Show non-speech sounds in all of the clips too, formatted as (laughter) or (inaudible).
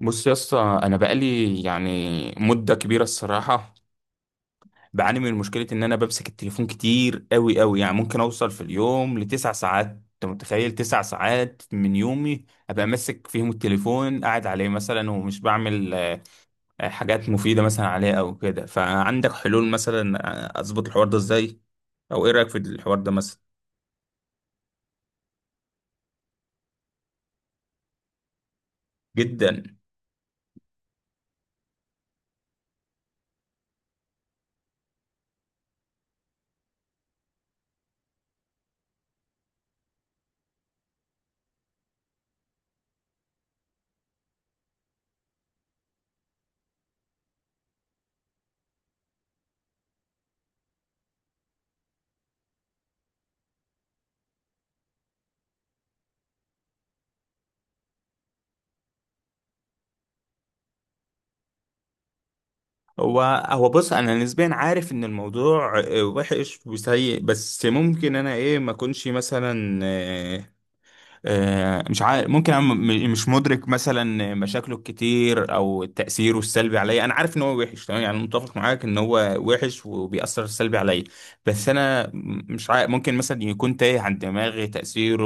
بص يا اسطى، انا بقالي يعني مده كبيره الصراحه. بعاني من مشكله ان انا بمسك التليفون كتير قوي قوي، يعني ممكن اوصل في اليوم ل9 ساعات. انت متخيل؟ 9 ساعات من يومي ابقى ماسك فيهم التليفون، قاعد عليه مثلا ومش بعمل حاجات مفيده مثلا عليه او كده. فعندك حلول مثلا؟ اظبط الحوار ده ازاي، او ايه رايك في الحوار ده مثلا؟ جدا. هو هو بص، انا نسبيا عارف ان الموضوع وحش وسيء، بس ممكن انا ايه ما اكونش مثلا مش عارف. ممكن انا مش مدرك مثلا مشاكله الكتير او تاثيره السلبي عليا. انا عارف ان هو وحش تمام، يعني متفق معاك ان هو وحش وبيأثر سلبي عليا. بس انا مش عارف، ممكن مثلا يكون تايه عن دماغي تأثيره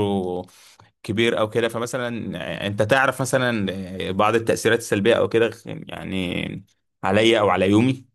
كبير او كده. فمثلا انت تعرف مثلا بعض التأثيرات السلبية او كده، يعني عليا او على يومي؟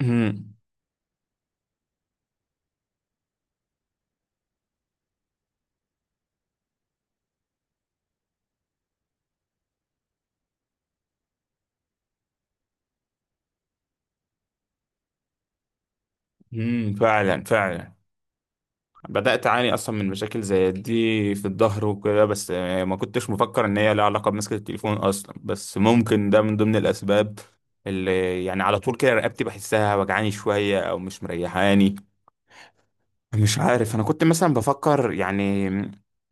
امم، امم، فعلا فعلا بدأت أعاني أصلا من مشاكل زي دي في الظهر وكده، بس ما كنتش مفكر إن هي لها علاقة بمسكة التليفون أصلا، بس ممكن ده من ضمن الأسباب اللي يعني على طول كده رقبتي بحسها وجعاني شوية أو مش مريحاني. مش عارف، انا كنت مثلا بفكر يعني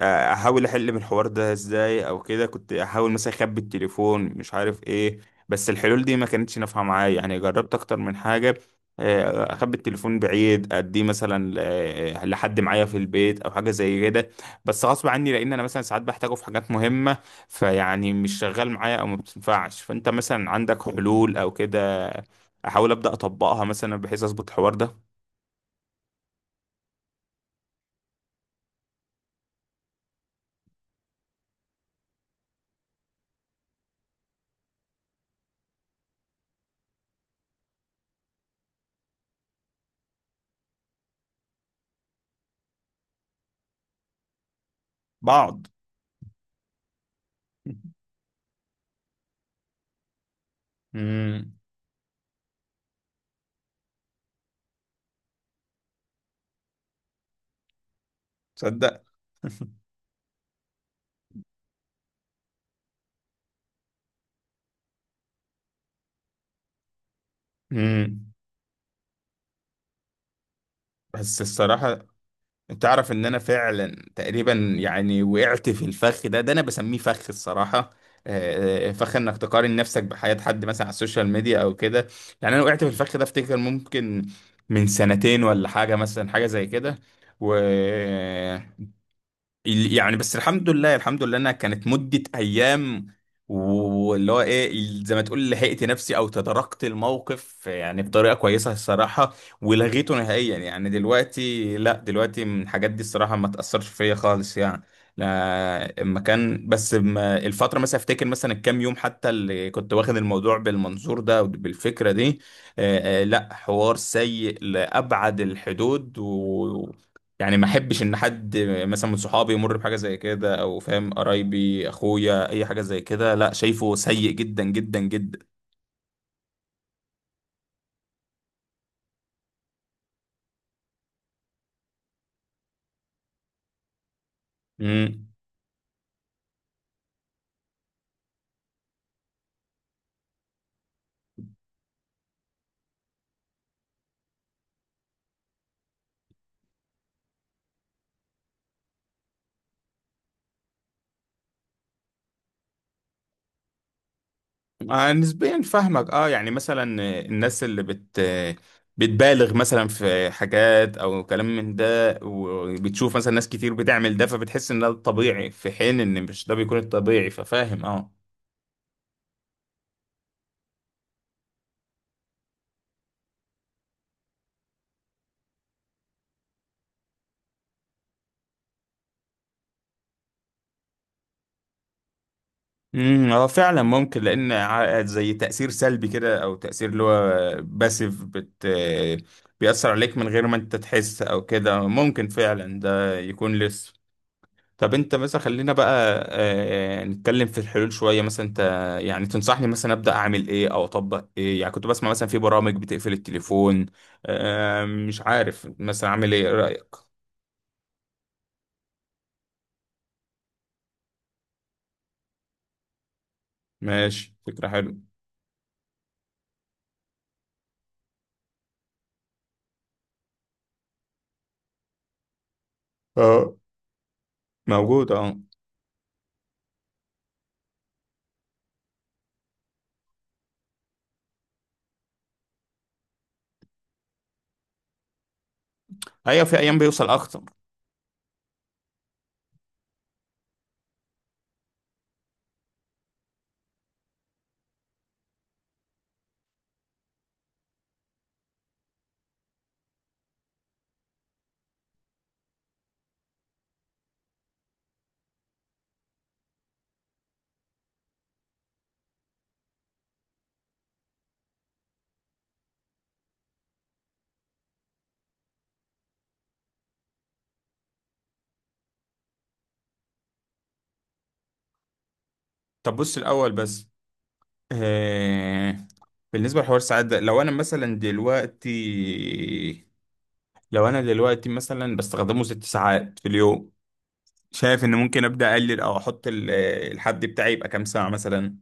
احاول احل من الحوار ده ازاي او كده. كنت احاول مثلا اخبي التليفون، مش عارف ايه، بس الحلول دي ما كانتش نافعه معايا. يعني جربت اكتر من حاجه، اخبي التليفون بعيد، اديه مثلا لحد معايا في البيت او حاجه زي كده، بس غصب عني لان انا مثلا ساعات بحتاجه في حاجات مهمه، فيعني مش شغال معايا او ما بتنفعش. فانت مثلا عندك حلول او كده احاول ابدا اطبقها مثلا بحيث اظبط الحوار ده؟ بعض. امم، تصدق. (laughs) امم، بس الصراحة تعرف ان انا فعلا تقريبا يعني وقعت في الفخ ده، ده انا بسميه فخ الصراحة. فخ انك تقارن نفسك بحياة حد مثلا على السوشيال ميديا او كده. يعني انا وقعت في الفخ ده افتكر ممكن من سنتين، ولا حاجة مثلا، حاجة زي كده. و يعني بس الحمد لله الحمد لله انها كانت مدة ايام، واللي هو ايه زي ما تقول لحقت نفسي او تداركت الموقف يعني بطريقة كويسة الصراحة. ولغيته نهائيا، يعني دلوقتي لا، من الحاجات دي الصراحة ما تأثرش فيا خالص يعني. لا، اما كان بس الفترة مثلا افتكر مثلا الكام يوم حتى اللي كنت واخد الموضوع بالمنظور ده وبالفكرة دي، لا، حوار سيء لأبعد الحدود. يعني ما احبش ان حد مثلا من صحابي يمر بحاجه زي كده، او فاهم، قرايبي، اخويا، اي حاجه زي كده. لا، شايفه سيء جدا جدا جدا. امم، آه نسبيا فاهمك. اه، يعني مثلا الناس اللي بت آه، بتبالغ مثلا في حاجات او كلام من ده، وبتشوف مثلا ناس كتير بتعمل ده، فبتحس ان ده الطبيعي في حين ان مش ده بيكون الطبيعي. ففاهم، اه. امم، اه، فعلا ممكن. لان زي تاثير سلبي كده، او تاثير اللي هو باسيف بت بيأثر عليك من غير ما انت تحس او كده. ممكن فعلا ده يكون لسه. طب انت مثلا، خلينا بقى نتكلم في الحلول شويه. مثلا انت يعني تنصحني مثلا ابدا اعمل ايه، او اطبق ايه؟ يعني كنت بسمع مثلا في برامج بتقفل التليفون، مش عارف مثلا اعمل ايه. إيه رايك؟ ماشي، فكره حلوه. اه، موجود، اه. ايوه، في ايام بيوصل اخطر. طب بص الاول بس، آه، بالنسبة لحوار الساعات ده، لو أنا دلوقتي مثلا بستخدمه 6 ساعات في اليوم، شايف إن ممكن أبدأ أقلل، أو أحط الحد بتاعي يبقى كام ساعة مثلا؟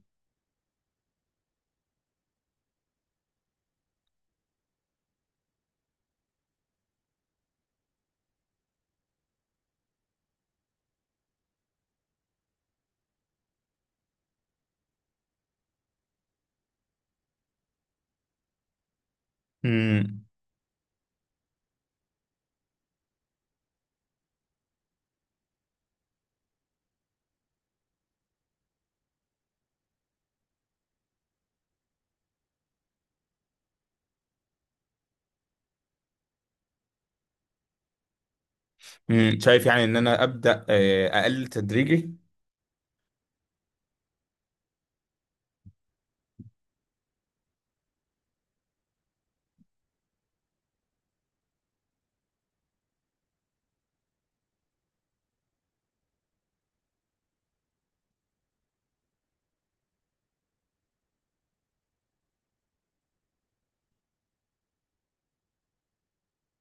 مم. مم. شايف يعني إن أنا أبدأ أقلل تدريجي.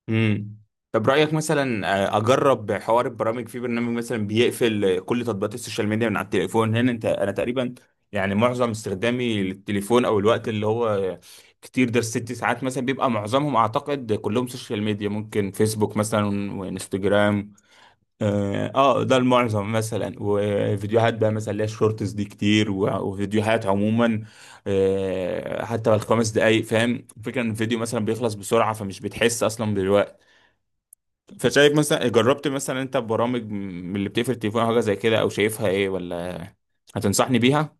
امم. طب رأيك مثلا اجرب حوار البرامج؟ في برنامج مثلا بيقفل كل تطبيقات السوشيال ميديا من على التليفون. هنا انت، انا تقريبا يعني معظم استخدامي للتليفون، او الوقت اللي هو كتير ده الست ساعات مثلا، بيبقى معظمهم اعتقد كلهم سوشيال ميديا، ممكن فيسبوك مثلا وانستجرام. اه، ده المعظم مثلا، وفيديوهات بقى مثلا اللي هي الشورتس دي كتير، وفيديوهات عموما. حتى ال5 دقايق، فاهم الفكرة؟ ان الفيديو مثلا بيخلص بسرعة، فمش بتحس اصلا بالوقت. فشايف مثلا، جربت مثلا انت برامج من اللي بتقفل التليفون او حاجه زي كده، او شايفها ايه؟ ولا هتنصحني بيها؟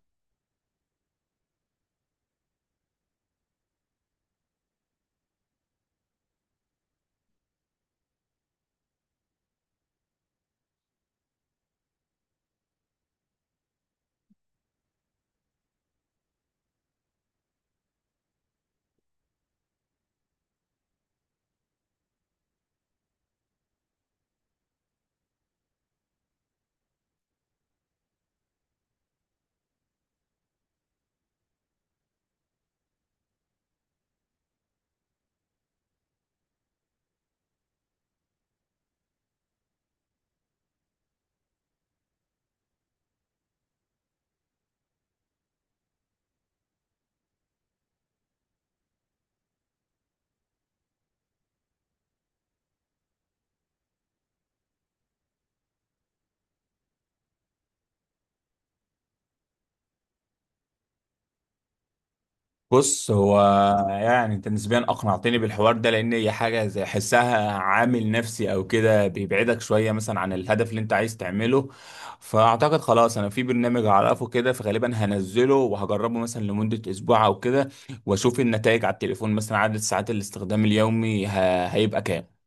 بص هو، يعني انت نسبيا اقنعتني بالحوار ده، لان هي حاجه زي حسها عامل نفسي او كده، بيبعدك شويه مثلا عن الهدف اللي انت عايز تعمله. فاعتقد خلاص، انا في برنامج اعرفه كده، فغالبا هنزله وهجربه مثلا لمده اسبوع او كده، واشوف النتائج على التليفون، مثلا عدد ساعات الاستخدام اليومي هيبقى كام.